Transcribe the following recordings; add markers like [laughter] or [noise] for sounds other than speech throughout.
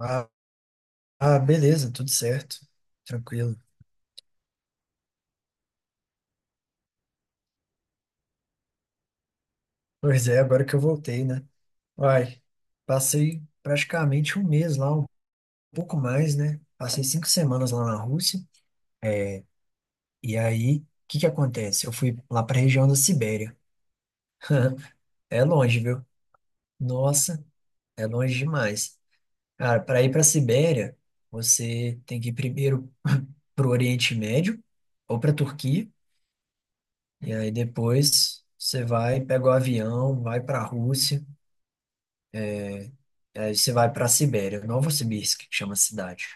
Ah, ah, beleza, tudo certo. Tranquilo. Pois é, agora que eu voltei, né? Uai, passei praticamente um mês lá, um pouco mais, né? Passei 5 semanas lá na Rússia. E aí, o que que acontece? Eu fui lá pra região da Sibéria. É longe, viu? Nossa, é longe demais. Cara, para ir pra Sibéria, você tem que ir primeiro [laughs] pro Oriente Médio ou pra Turquia. E aí depois você vai, pega o avião, vai pra Rússia. Aí você vai para a Sibéria, Novosibirsk, que chama a cidade.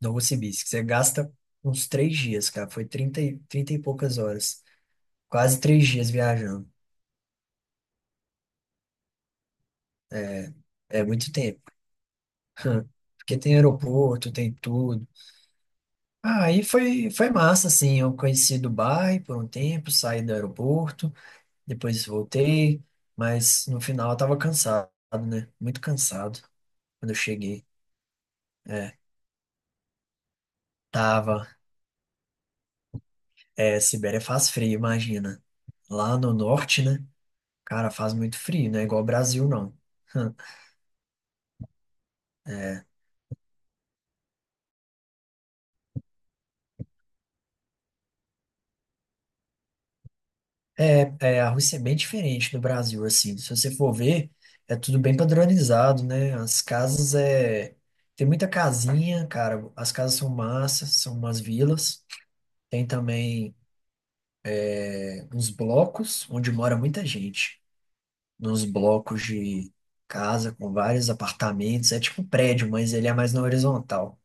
Novosibirsk. Você gasta uns 3 dias, cara. Foi 30 e poucas horas. Quase 3 dias viajando. É é muito tempo. [laughs] Porque tem aeroporto, tem tudo. Ah, aí foi massa, assim. Eu conheci Dubai por um tempo, saí do aeroporto, depois voltei, mas no final eu tava cansado, né? Muito cansado quando eu cheguei. É, tava. É, Sibéria faz frio, imagina. Lá no norte, né? Cara, faz muito frio, não é igual ao Brasil, não. [laughs] É, é, é, a Rússia é bem diferente do Brasil, assim. Se você for ver, é tudo bem padronizado, né? As casas é. Tem muita casinha, cara. As casas são massas, são umas vilas. Tem também uns blocos onde mora muita gente. Nos blocos de casa com vários apartamentos. É tipo um prédio, mas ele é mais na horizontal.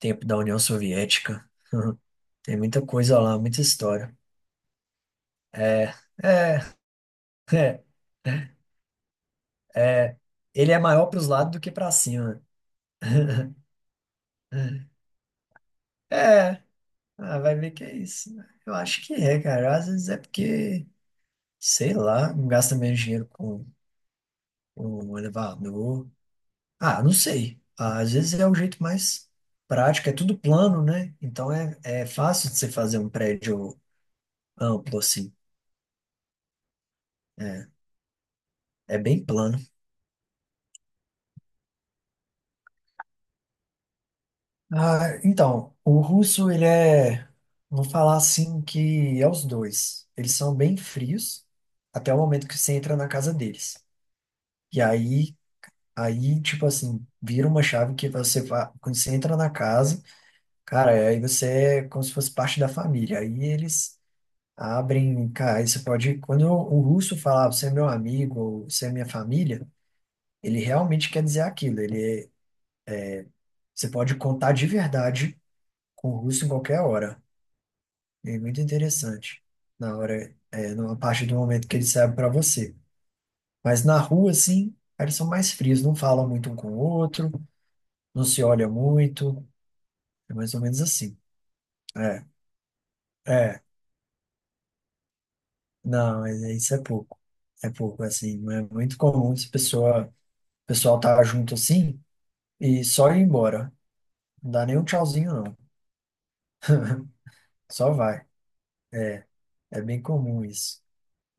Tempo da União Soviética. [laughs] Tem muita coisa lá, muita história. É, é. É, é, ele é maior para os lados do que para cima. [laughs] É, vai ver que é isso. Eu acho que é, cara. Às vezes é porque, sei lá, não gasta menos dinheiro com um elevador. Ah, não sei. Às vezes é o jeito mais prático, é tudo plano, né? Então é fácil de você fazer um prédio amplo assim. É, é bem plano. Ah, então, o russo, ele é, vou falar assim, que é os dois. Eles são bem frios até o momento que você entra na casa deles. E aí, tipo assim, vira uma chave que você, quando você entra na casa, cara, aí você é como se fosse parte da família. Aí eles abrem, cara, aí você pode, quando o russo falar, "Ah, você é meu amigo, ou você é minha família, ele realmente quer dizer aquilo. Você pode contar de verdade com o russo em qualquer hora. É muito interessante. Na hora, na parte do momento que eles servem para você. Mas na rua, assim, eles são mais frios, não falam muito um com o outro, não se olham muito. É mais ou menos assim. É, é. Não, mas isso é pouco. É pouco, assim. Não é muito comum se pessoa, o pessoal tá junto assim e só ir embora. Não dá nem um tchauzinho, não. Só vai. É bem comum isso.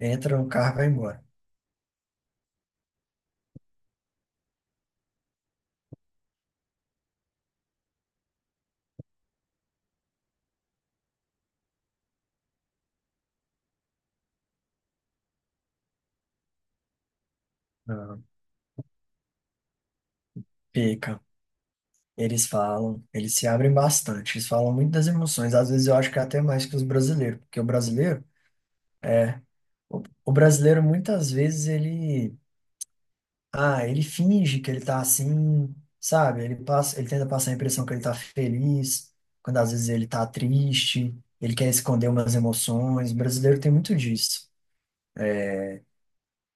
Entra no carro e vai embora. Não, pica. Eles falam, eles se abrem bastante, eles falam muito das emoções. Às vezes eu acho que é até mais que os brasileiros, porque é o brasileiro muitas vezes ele finge que ele tá assim, sabe? Ele passa, ele tenta passar a impressão que ele tá feliz, quando às vezes ele tá triste, ele quer esconder umas emoções. O brasileiro tem muito disso.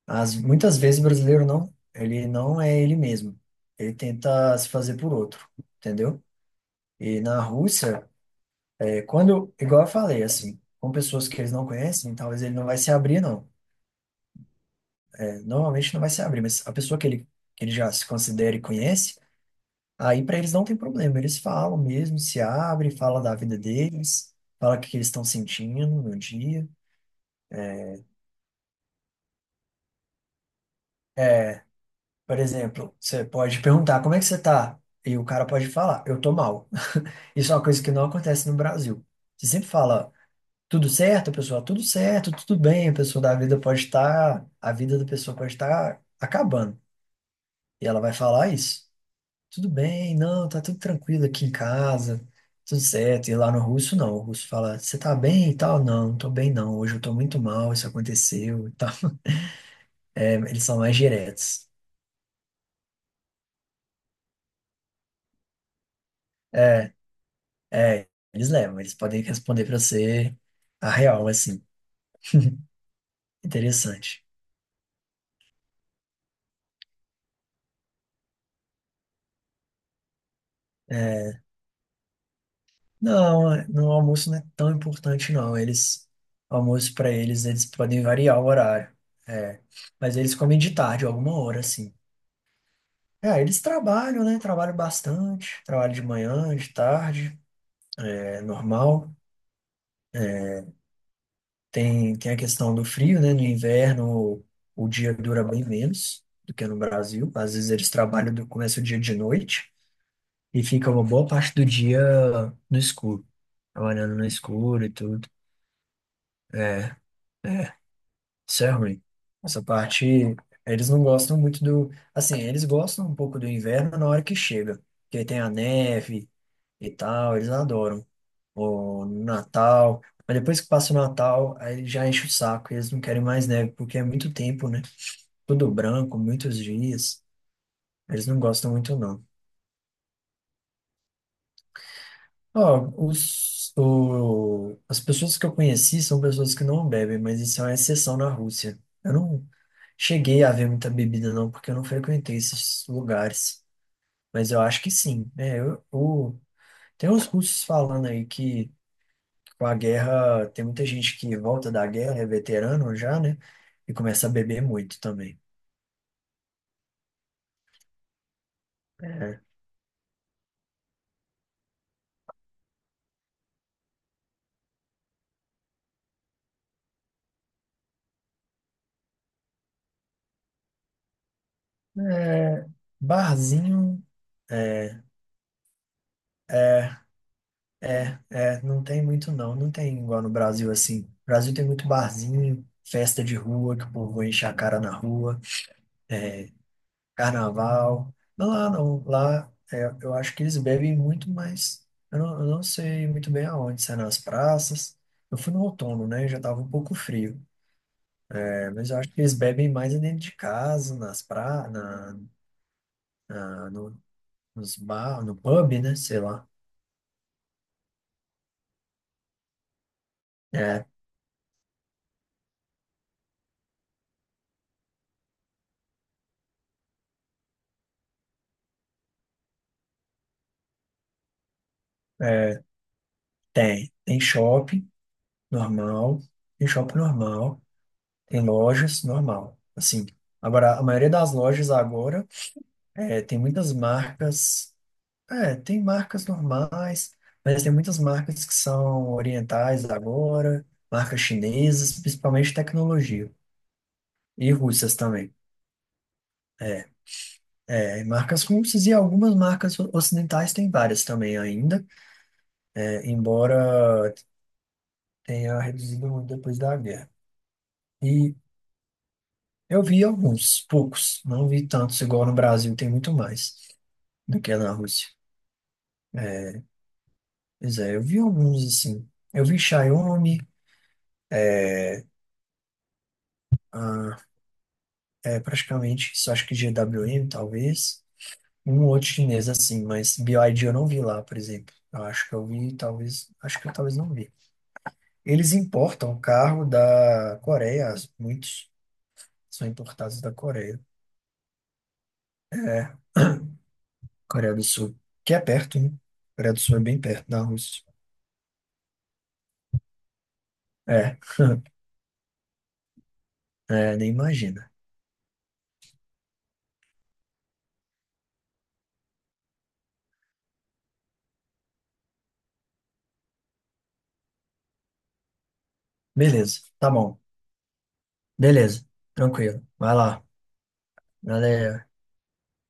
Muitas vezes o brasileiro não, ele não é ele mesmo. Ele tenta se fazer por outro, entendeu? E na Rússia, quando, igual eu falei, assim, com pessoas que eles não conhecem, talvez ele não vai se abrir, não. É, normalmente não vai se abrir, mas a pessoa que ele já se considera e conhece, aí para eles não tem problema. Eles falam mesmo, se abrem, fala da vida deles, fala o que que eles estão sentindo no dia. É, por exemplo, você pode perguntar como é que você tá? E o cara pode falar, eu tô mal. [laughs] Isso é uma coisa que não acontece no Brasil. Você sempre fala, tudo certo, pessoal, tudo certo, tudo bem, a vida da pessoa pode estar acabando. E ela vai falar "Ah, isso. Tudo bem, não, tá tudo tranquilo aqui em casa, tudo certo. E lá no russo, não. O russo fala, você tá bem e tal? Não, não tô bem não. Hoje eu tô muito mal, isso aconteceu e tal. [laughs] É, eles são mais diretos. É, é, eles levam, eles podem responder pra você a real, assim. Interessante. É, não, no almoço não é tão importante, não. Almoço pra eles, eles podem variar o horário. É, mas eles comem de tarde, alguma hora, assim. É, eles trabalham, né? Trabalham bastante, trabalham de manhã, de tarde, é normal. Tem a questão do frio, né? No inverno, o, o dia dura bem menos do que no Brasil. Às vezes eles trabalham, começa o dia de noite e fica uma boa parte do dia no escuro, trabalhando no escuro e tudo. É, é, isso é ruim. Essa parte, eles não gostam muito do. Assim, eles gostam um pouco do inverno na hora que chega, porque aí tem a neve e tal, eles adoram, ou no Natal. Mas depois que passa o Natal, aí já enche o saco e eles não querem mais neve, porque é muito tempo, né? Tudo branco, muitos dias. Eles não gostam muito, não. Ó, as pessoas que eu conheci são pessoas que não bebem, mas isso é uma exceção na Rússia. Eu não cheguei a ver muita bebida, não, porque eu não frequentei esses lugares. Mas eu acho que sim, né. Tem uns russos falando aí que, com a guerra, tem muita gente que volta da guerra, é veterano já, né? E começa a beber muito também. É, é, barzinho, é, é, é, é, não tem muito não. Não tem igual no Brasil assim. No Brasil tem muito barzinho, festa de rua, que o povo enche a cara na rua, é, carnaval. Mas lá não, lá é, eu acho que eles bebem muito mais. Eu não sei muito bem aonde, se é nas praças. Eu fui no outono, né? Já tava um pouco frio. É, mas eu acho que eles bebem mais é dentro de casa, nas pra, na, na- no, nos bar, no pub, né? Sei lá. É, é, tem. Normal, tem shopping normal, tem lojas normal. Assim, agora, a maioria das lojas agora tem muitas marcas. É, tem marcas normais, mas tem muitas marcas que são orientais agora, marcas chinesas, principalmente tecnologia, e russas também. É, é, marcas russas e algumas marcas ocidentais têm várias também ainda, é, embora tenha reduzido muito depois da guerra. E eu vi alguns, poucos, não vi tantos, igual no Brasil tem muito mais do que na Rússia. É, pois é, eu vi alguns assim. Eu vi Xiaomi, é, ah, é, praticamente, só acho que GWM, talvez. Um outro chinês assim, mas BYD eu não vi lá, por exemplo. Eu acho que eu vi, talvez, acho que eu talvez não vi. Eles importam carro da Coreia, muitos são importados da Coreia. É, Coreia do Sul, que é perto, né? Coreia do Sul é bem perto da Rússia. É, [laughs] é, nem imagina. Beleza, tá bom. Beleza, tranquilo. Vai lá. Valeu.